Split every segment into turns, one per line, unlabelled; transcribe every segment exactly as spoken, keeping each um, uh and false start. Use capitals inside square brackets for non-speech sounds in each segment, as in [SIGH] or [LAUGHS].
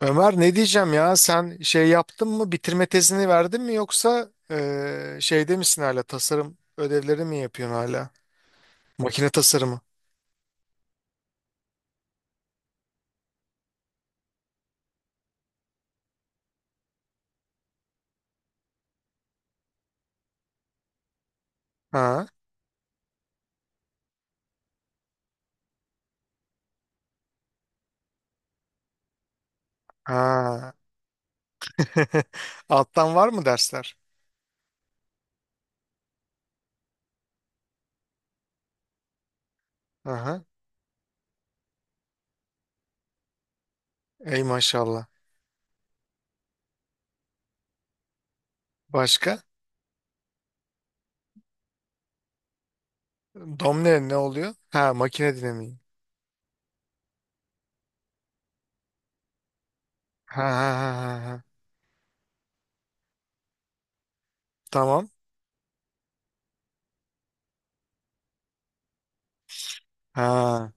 Ömer, ne diyeceğim ya, sen şey yaptın mı, bitirme tezini verdin mi, yoksa eee şeyde misin hala, tasarım ödevleri mi yapıyorsun hala? Makine tasarımı. Ha? Ha. [LAUGHS] Alttan var mı dersler? Aha. Ey maşallah. Başka? Domine ne oluyor? Ha, makine dinamiği. Ha ha ha ha. Ha. Tamam. Ha.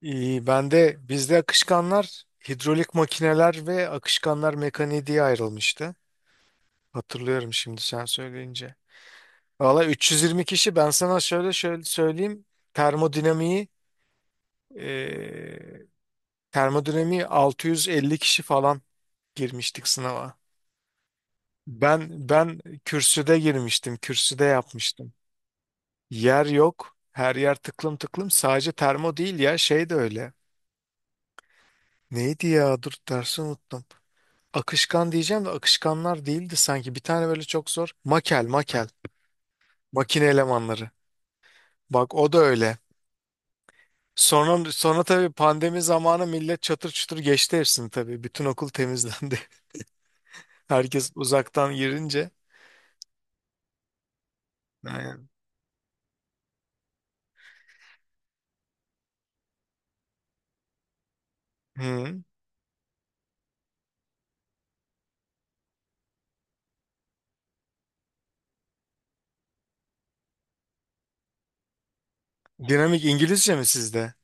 İyi, ben de bizde akışkanlar, hidrolik makineler ve akışkanlar mekaniği diye ayrılmıştı. Hatırlıyorum şimdi sen söyleyince. Valla üç yüz yirmi kişi, ben sana şöyle şöyle söyleyeyim. Termodinamiği eee termodinamiği altı yüz elli kişi falan girmiştik sınava. Ben ben kürsüde girmiştim. Kürsüde yapmıştım. Yer yok. Her yer tıklım tıklım. Sadece termo değil ya, şey de öyle. Neydi ya? Dur, dersi unuttum. Akışkan diyeceğim de akışkanlar değildi sanki. Bir tane böyle çok zor. Makel, makel. Makine elemanları. Bak, o da öyle. Sonra, sonra tabii pandemi zamanı millet çatır çutur geçti hepsini tabii. Bütün okul temizlendi. [LAUGHS] Herkes uzaktan girince. Aynen. Hı. Dinamik İngilizce mi sizde?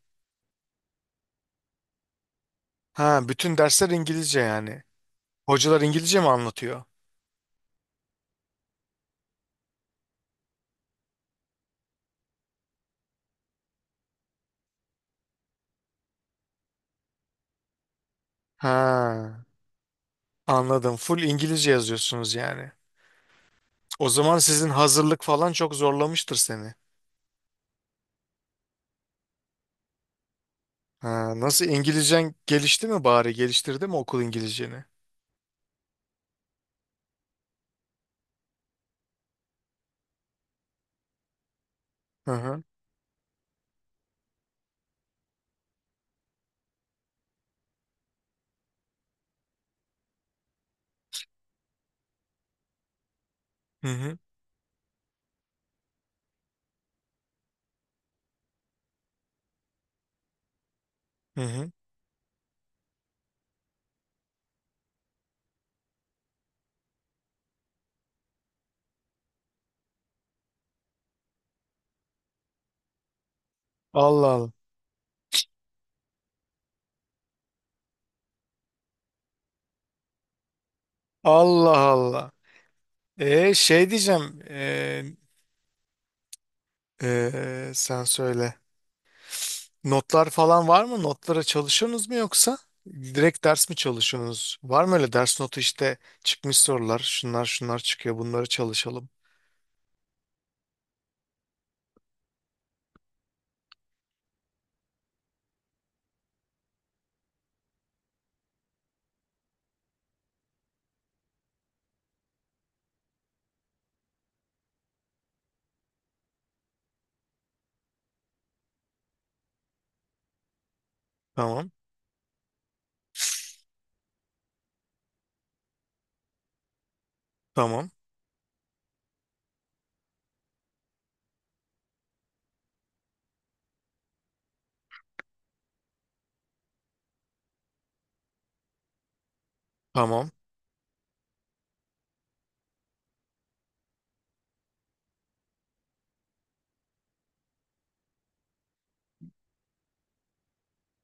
Ha, bütün dersler İngilizce yani. Hocalar İngilizce mi anlatıyor? Ha, anladım. Full İngilizce yazıyorsunuz yani. O zaman sizin hazırlık falan çok zorlamıştır seni. Ha, nasıl, İngilizcen gelişti mi bari? Geliştirdi mi okul İngilizceni? Hı hı. Hı hı. Hı hı. Allah Allah. Allah Allah. E şey diyeceğim e, e, sen söyle. Notlar falan var mı? Notlara çalışıyorsunuz mu yoksa? Direkt ders mi çalışıyorsunuz? Var mı öyle ders notu, işte çıkmış sorular, şunlar şunlar çıkıyor, bunları çalışalım. Tamam tamam tamam.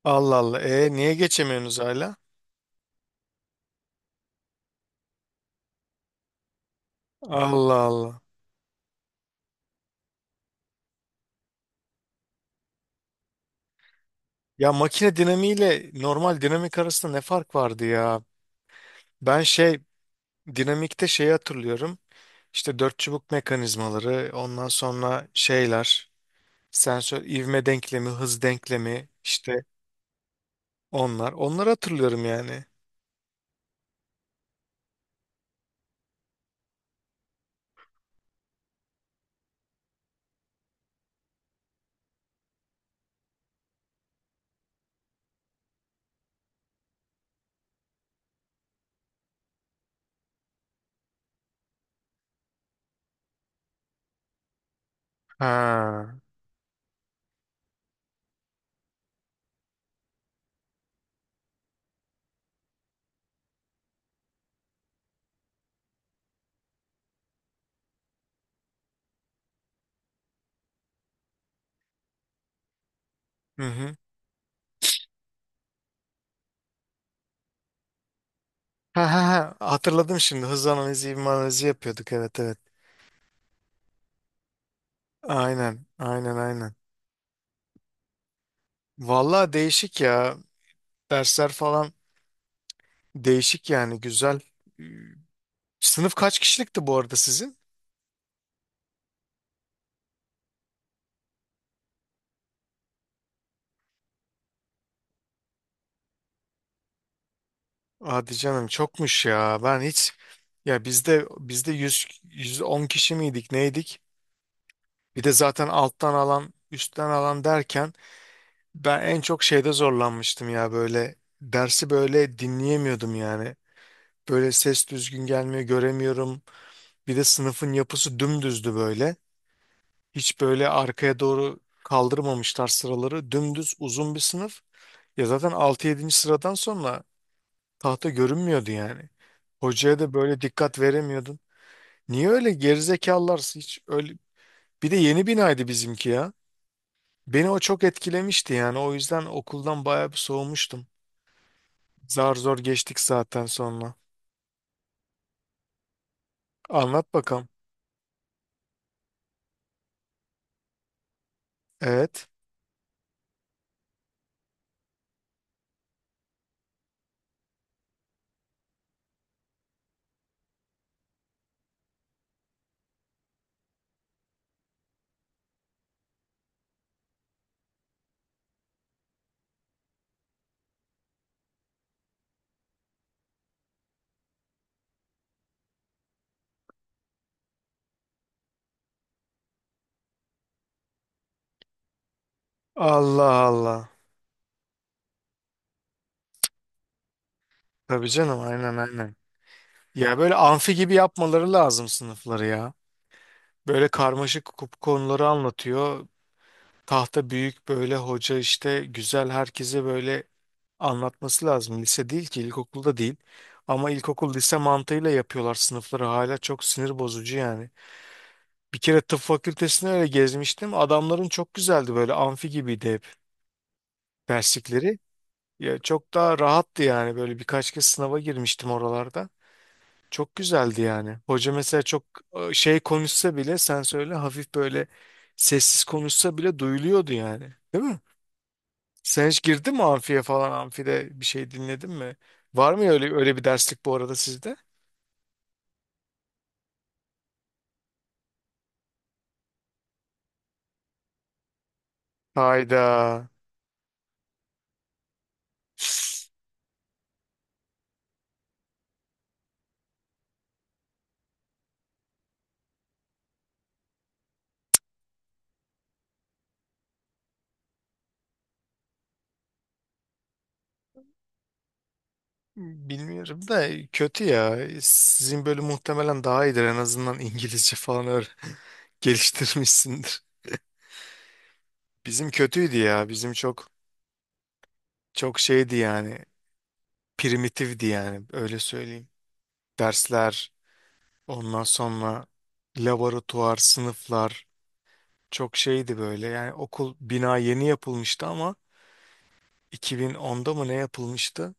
Allah Allah. E niye geçemiyorsunuz hala? Allah Allah. Ya, makine dinamiğiyle normal dinamik arasında ne fark vardı ya? Ben şey Dinamikte şeyi hatırlıyorum. İşte dört çubuk mekanizmaları, ondan sonra şeyler, sensör ivme denklemi, hız denklemi, işte onlar. Onları hatırlıyorum yani. Ha. Hı hı. Ha ha ha. Hatırladım şimdi. Hız analizi, ivme analizi yapıyorduk. Evet, evet. Aynen. Aynen aynen. Vallahi değişik ya. Dersler falan değişik yani. Güzel. Sınıf kaç kişilikti bu arada sizin? Hadi canım, çokmuş ya. Ben hiç Ya bizde bizde yüz yüz on kişi miydik, neydik? Bir de zaten alttan alan, üstten alan derken ben en çok şeyde zorlanmıştım ya, böyle dersi böyle dinleyemiyordum yani. Böyle ses düzgün gelmiyor, göremiyorum. Bir de sınıfın yapısı dümdüzdü böyle. Hiç böyle arkaya doğru kaldırmamışlar sıraları. Dümdüz uzun bir sınıf. Ya zaten altı yedinci sıradan sonra tahta görünmüyordu yani. Hocaya da böyle dikkat veremiyordun. Niye öyle gerizekalılar, hiç öyle. Bir de yeni binaydı bizimki ya. Beni o çok etkilemişti yani. O yüzden okuldan bayağı bir soğumuştum. Zar zor geçtik zaten sonra. Anlat bakalım. Evet. Allah Allah. Tabii canım, aynen aynen. Ya böyle amfi gibi yapmaları lazım sınıfları ya. Böyle karmaşık kup- konuları anlatıyor. Tahta büyük, böyle hoca işte güzel, herkese böyle anlatması lazım. Lise değil ki, ilkokulda değil. Ama ilkokul, lise mantığıyla yapıyorlar sınıfları hala, çok sinir bozucu yani. Bir kere tıp fakültesine öyle gezmiştim. Adamların çok güzeldi, böyle amfi gibiydi hep derslikleri. Ya çok daha rahattı yani, böyle birkaç kez sınava girmiştim oralarda. Çok güzeldi yani. Hoca mesela çok e, şey konuşsa bile, sen söyle, hafif böyle sessiz konuşsa bile duyuluyordu yani. Değil mi? Sen hiç girdin mi amfiye falan, amfide bir şey dinledin mi? Var mı öyle öyle bir derslik bu arada sizde? Hayda. Bilmiyorum da, kötü ya. Sizin bölüm muhtemelen daha iyidir. En azından İngilizce falan öyle [LAUGHS] geliştirmişsindir. Bizim kötüydü ya. Bizim çok çok şeydi yani. Primitifti yani. Öyle söyleyeyim. Dersler, ondan sonra laboratuvar, sınıflar çok şeydi böyle. Yani okul bina yeni yapılmıştı ama iki bin onda mı ne yapılmıştı?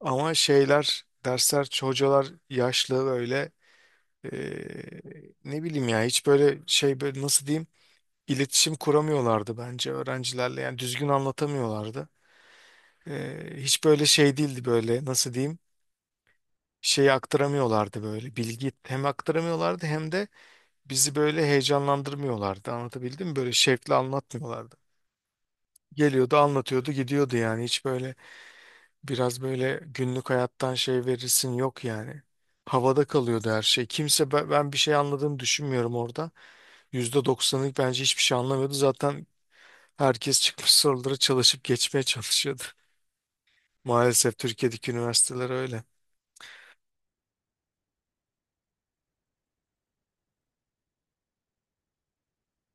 Ama şeyler, dersler, hocalar yaşlı böyle. Eee, ne bileyim ya, hiç böyle şey, böyle nasıl diyeyim, iletişim kuramıyorlardı bence öğrencilerle, yani düzgün anlatamıyorlardı. Eee, hiç böyle şey değildi, böyle nasıl diyeyim, şeyi aktaramıyorlardı, böyle bilgi hem aktaramıyorlardı, hem de bizi böyle heyecanlandırmıyorlardı, anlatabildim mi, böyle şevkle anlatmıyorlardı. Geliyordu, anlatıyordu, gidiyordu yani, hiç böyle biraz böyle günlük hayattan şey verirsin, yok yani. Havada kalıyordu her şey. Kimse ben ben bir şey anladığını düşünmüyorum orada. Yüzde doksanlık bence hiçbir şey anlamıyordu. Zaten herkes çıkmış soruları çalışıp geçmeye çalışıyordu. [LAUGHS] Maalesef Türkiye'deki üniversiteler öyle.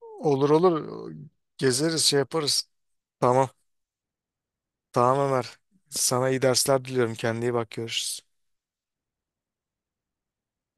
Olur olur, gezeriz, şey yaparız. Tamam. Tamam Ömer. Sana iyi dersler diliyorum. Kendine iyi bak, görüşürüz.